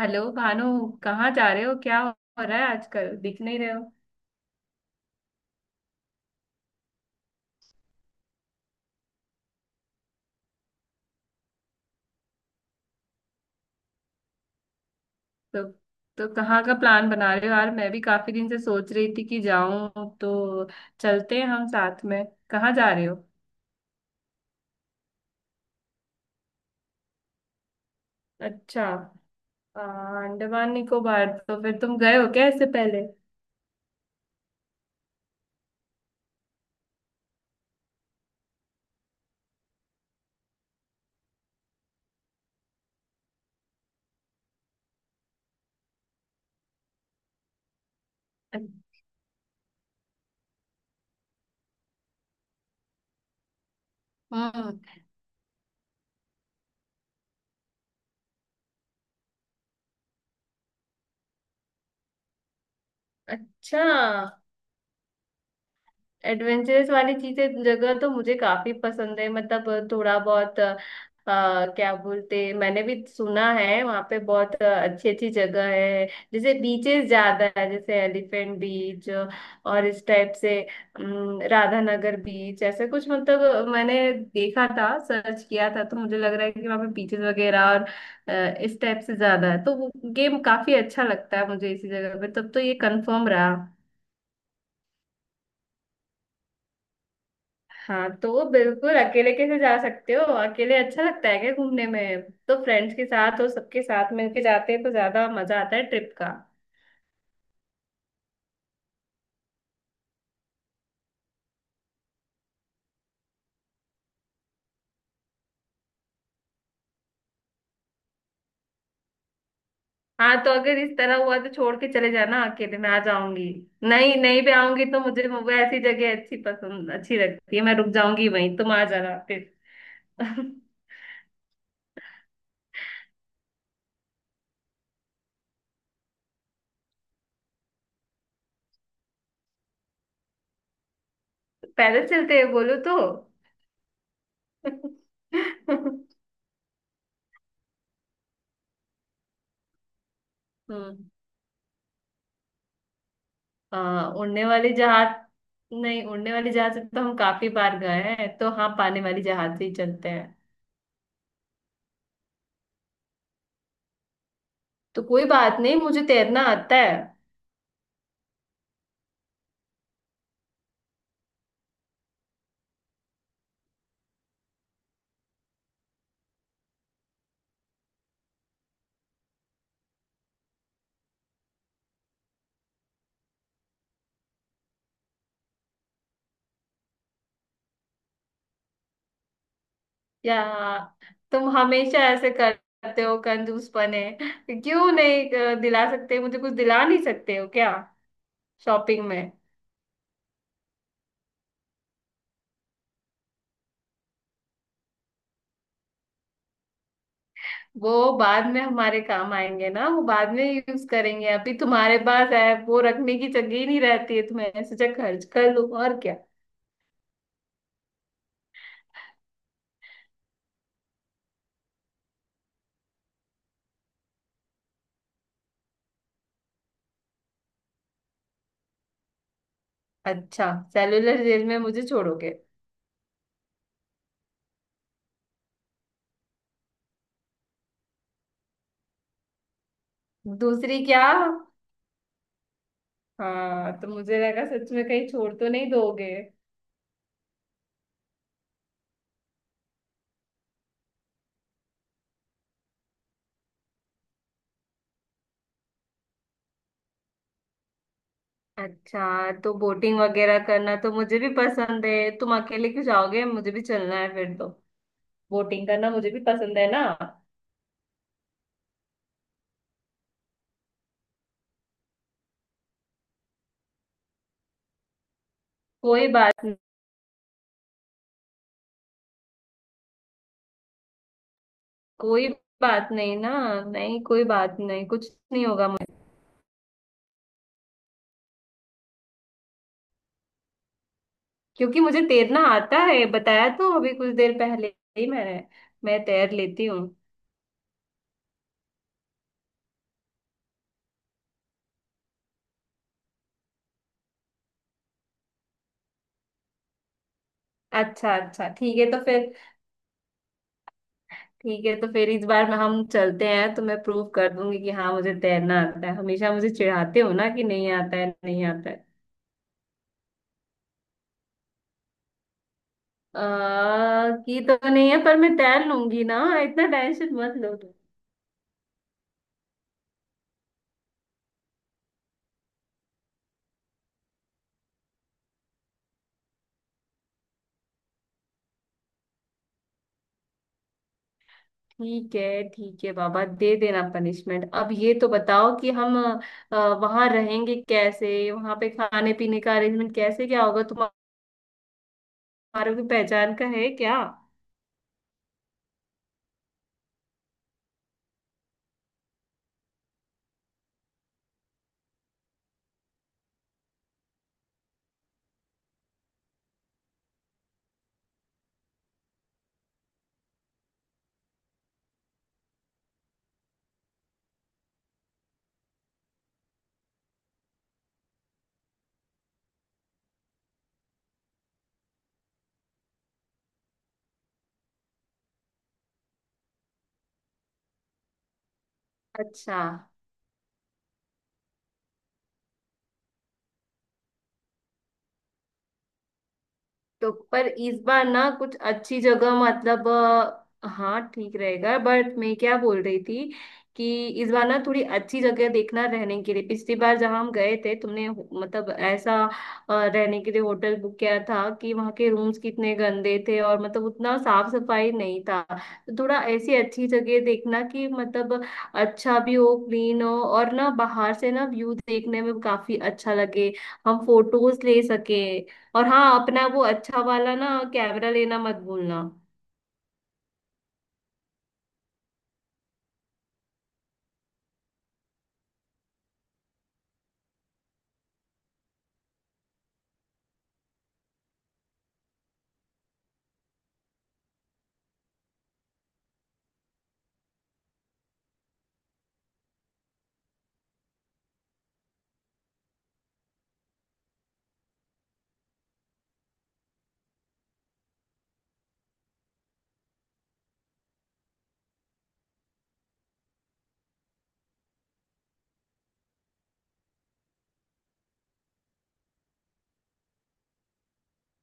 Hello Bhanu. कहाँ जा रहे हो? क्या हो रहा है? आजकल दिख नहीं रहे हो। तो तो कहाँ का प्लान बना रहे हो यार? मैं भी काफी दिन से सोच रही थी कि जाऊं तो चलते हैं हम साथ में। कहाँ जा रहे हो? अच्छा। आ, अंडमान निकोबार? तो फिर तुम गए हो क्या इससे पहले? हम्म। अच्छा। एडवेंचरस वाली चीजें जगह तो मुझे काफी पसंद है। मतलब थोड़ा बहुत क्या बोलते, मैंने भी सुना है वहाँ पे बहुत अच्छी अच्छी जगह है। जैसे बीचेस ज्यादा है, जैसे एलिफेंट बीच और इस टाइप से राधानगर बीच, ऐसे कुछ। मतलब मैंने देखा था, सर्च किया था, तो मुझे लग रहा है कि वहाँ पे बीचेस वगैरह और इस टाइप से ज्यादा है, तो वो गेम काफी अच्छा लगता है मुझे। इसी जगह पे तब तो ये कंफर्म रहा। हाँ तो बिल्कुल। अकेले कैसे जा सकते हो? अकेले अच्छा लगता है क्या घूमने में? तो फ्रेंड्स के साथ और सबके साथ मिलके जाते हैं तो ज्यादा मजा आता है ट्रिप का। हाँ, तो अगर इस तरह हुआ तो छोड़ के चले जाना अकेले, मैं आ जाऊंगी। नहीं, नहीं भी आऊंगी तो मुझे वो ऐसी जगह अच्छी पसंद अच्छी लगती है, मैं रुक जाऊंगी वहीं, तुम आ जाना फिर। पैदल चलते हैं, बोलो तो। हम्म। हाँ, उड़ने वाली जहाज। नहीं, उड़ने वाली जहाज से तो हम काफी बार गए हैं, तो हाँ, पानी वाली जहाज से ही चलते हैं। तो कोई बात नहीं, मुझे तैरना आता है। या, तुम हमेशा ऐसे करते हो कंजूस पने। क्यों नहीं दिला सकते? मुझे कुछ दिला नहीं सकते हो क्या, शॉपिंग में? वो बाद में हमारे काम आएंगे ना, वो बाद में यूज करेंगे। अभी तुम्हारे पास है, वो रखने की जगह ही नहीं रहती है, तो मैंने सोचा खर्च कर लूं, और क्या। अच्छा, सेलुलर जेल में मुझे छोड़ोगे? दूसरी क्या? हाँ, तो मुझे लगा सच में कहीं छोड़ तो नहीं दोगे। अच्छा, तो बोटिंग वगैरह करना तो मुझे भी पसंद है, तुम अकेले क्यों जाओगे? मुझे भी चलना है फिर तो। बोटिंग करना मुझे भी पसंद है ना। कोई बात नहीं। कोई बात नहीं ना। नहीं, कोई बात नहीं, कुछ नहीं होगा मुझे। क्योंकि मुझे तैरना आता है, बताया तो अभी कुछ देर पहले ही मैंने। मैं तैर लेती हूँ। अच्छा, अच्छा, ठीक है तो फिर। ठीक है, तो फिर इस बार में हम चलते हैं तो मैं प्रूव कर दूंगी कि हाँ, मुझे तैरना आता है। हमेशा मुझे चिढ़ाते हो ना कि नहीं आता है नहीं आता है। की तो नहीं है, पर मैं तैर लूंगी ना, इतना टेंशन मत लो तुम। ठीक है बाबा, दे देना पनिशमेंट। अब ये तो बताओ कि हम वहां रहेंगे कैसे? वहां पे खाने पीने का अरेंजमेंट कैसे क्या होगा? तुम्हारे कोई पहचान का है क्या? अच्छा। तो पर इस बार ना कुछ अच्छी जगह, मतलब हाँ, ठीक रहेगा। बट मैं क्या बोल रही थी कि इस बार ना थोड़ी अच्छी जगह देखना रहने के लिए। पिछली बार जहाँ हम गए थे, तुमने मतलब ऐसा रहने के लिए होटल बुक किया था कि वहाँ के रूम्स कितने गंदे थे, और मतलब उतना साफ सफाई नहीं था। तो थोड़ा ऐसी अच्छी जगह देखना कि मतलब अच्छा भी हो, क्लीन हो, और ना बाहर से ना व्यू देखने में काफी अच्छा लगे, हम फोटोज ले सके। और हाँ, अपना वो अच्छा वाला ना कैमरा लेना मत भूलना।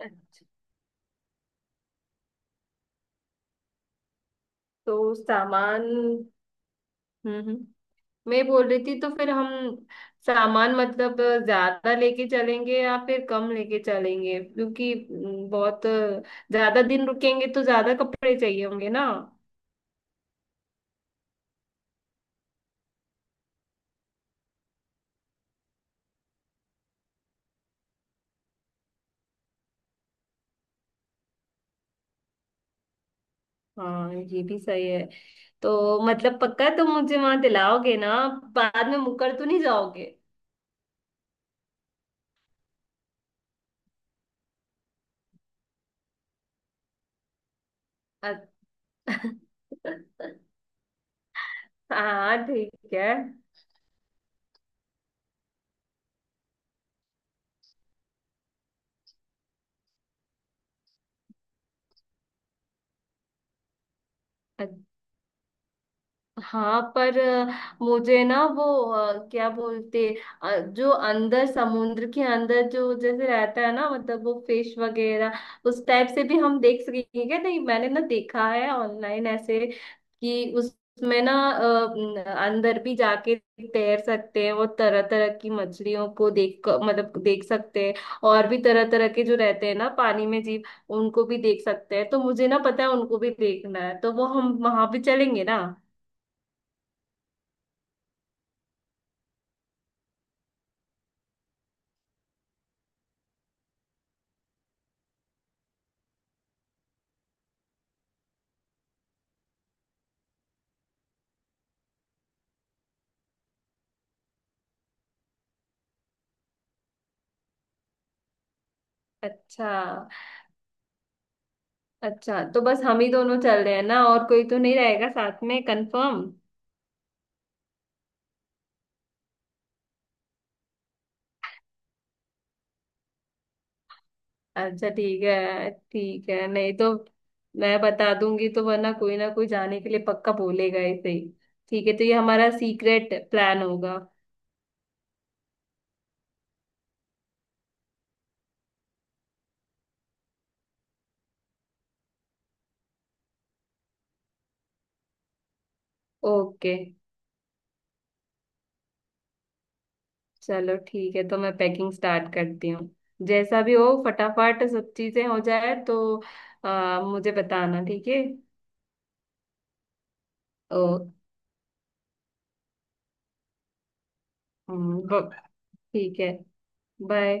अच्छा, तो सामान। हम्म, मैं बोल रही थी, तो फिर हम सामान मतलब ज्यादा लेके चलेंगे या फिर कम लेके चलेंगे? क्योंकि बहुत ज्यादा दिन रुकेंगे तो ज्यादा कपड़े चाहिए होंगे ना। हाँ, ये भी सही है। तो मतलब पक्का तुम मुझे वहां दिलाओगे ना? बाद में मुकर तो नहीं जाओगे? अ- हाँ, ठीक है। हाँ पर मुझे ना वो क्या बोलते, जो अंदर, समुद्र के अंदर जो जैसे रहता है ना, मतलब वो फिश वगैरह, उस टाइप से भी हम देख सकेंगे क्या? नहीं मैंने ना देखा है ऑनलाइन ऐसे कि उसमें ना अंदर भी जाके तैर सकते हैं, वो तरह तरह की मछलियों को मतलब देख सकते हैं। और भी तरह तरह के जो रहते हैं ना पानी में जीव, उनको भी देख सकते हैं। तो मुझे ना पता है, उनको भी देखना है, तो वो हम वहां भी चलेंगे ना। अच्छा। अच्छा, तो बस हम ही दोनों चल रहे हैं ना? और कोई तो नहीं रहेगा साथ में, कंफर्म? अच्छा ठीक है ठीक है, नहीं तो मैं बता दूंगी तो वरना कोई ना कोई जाने के लिए पक्का बोलेगा ऐसे ही। ठीक है, तो ये हमारा सीक्रेट प्लान होगा। ओके। चलो ठीक है, तो मैं पैकिंग स्टार्ट करती हूँ। जैसा भी हो फटाफट सब चीजें हो जाए तो मुझे बताना, ठीक है? ओ। हम्म, ब- ठीक है। बाय।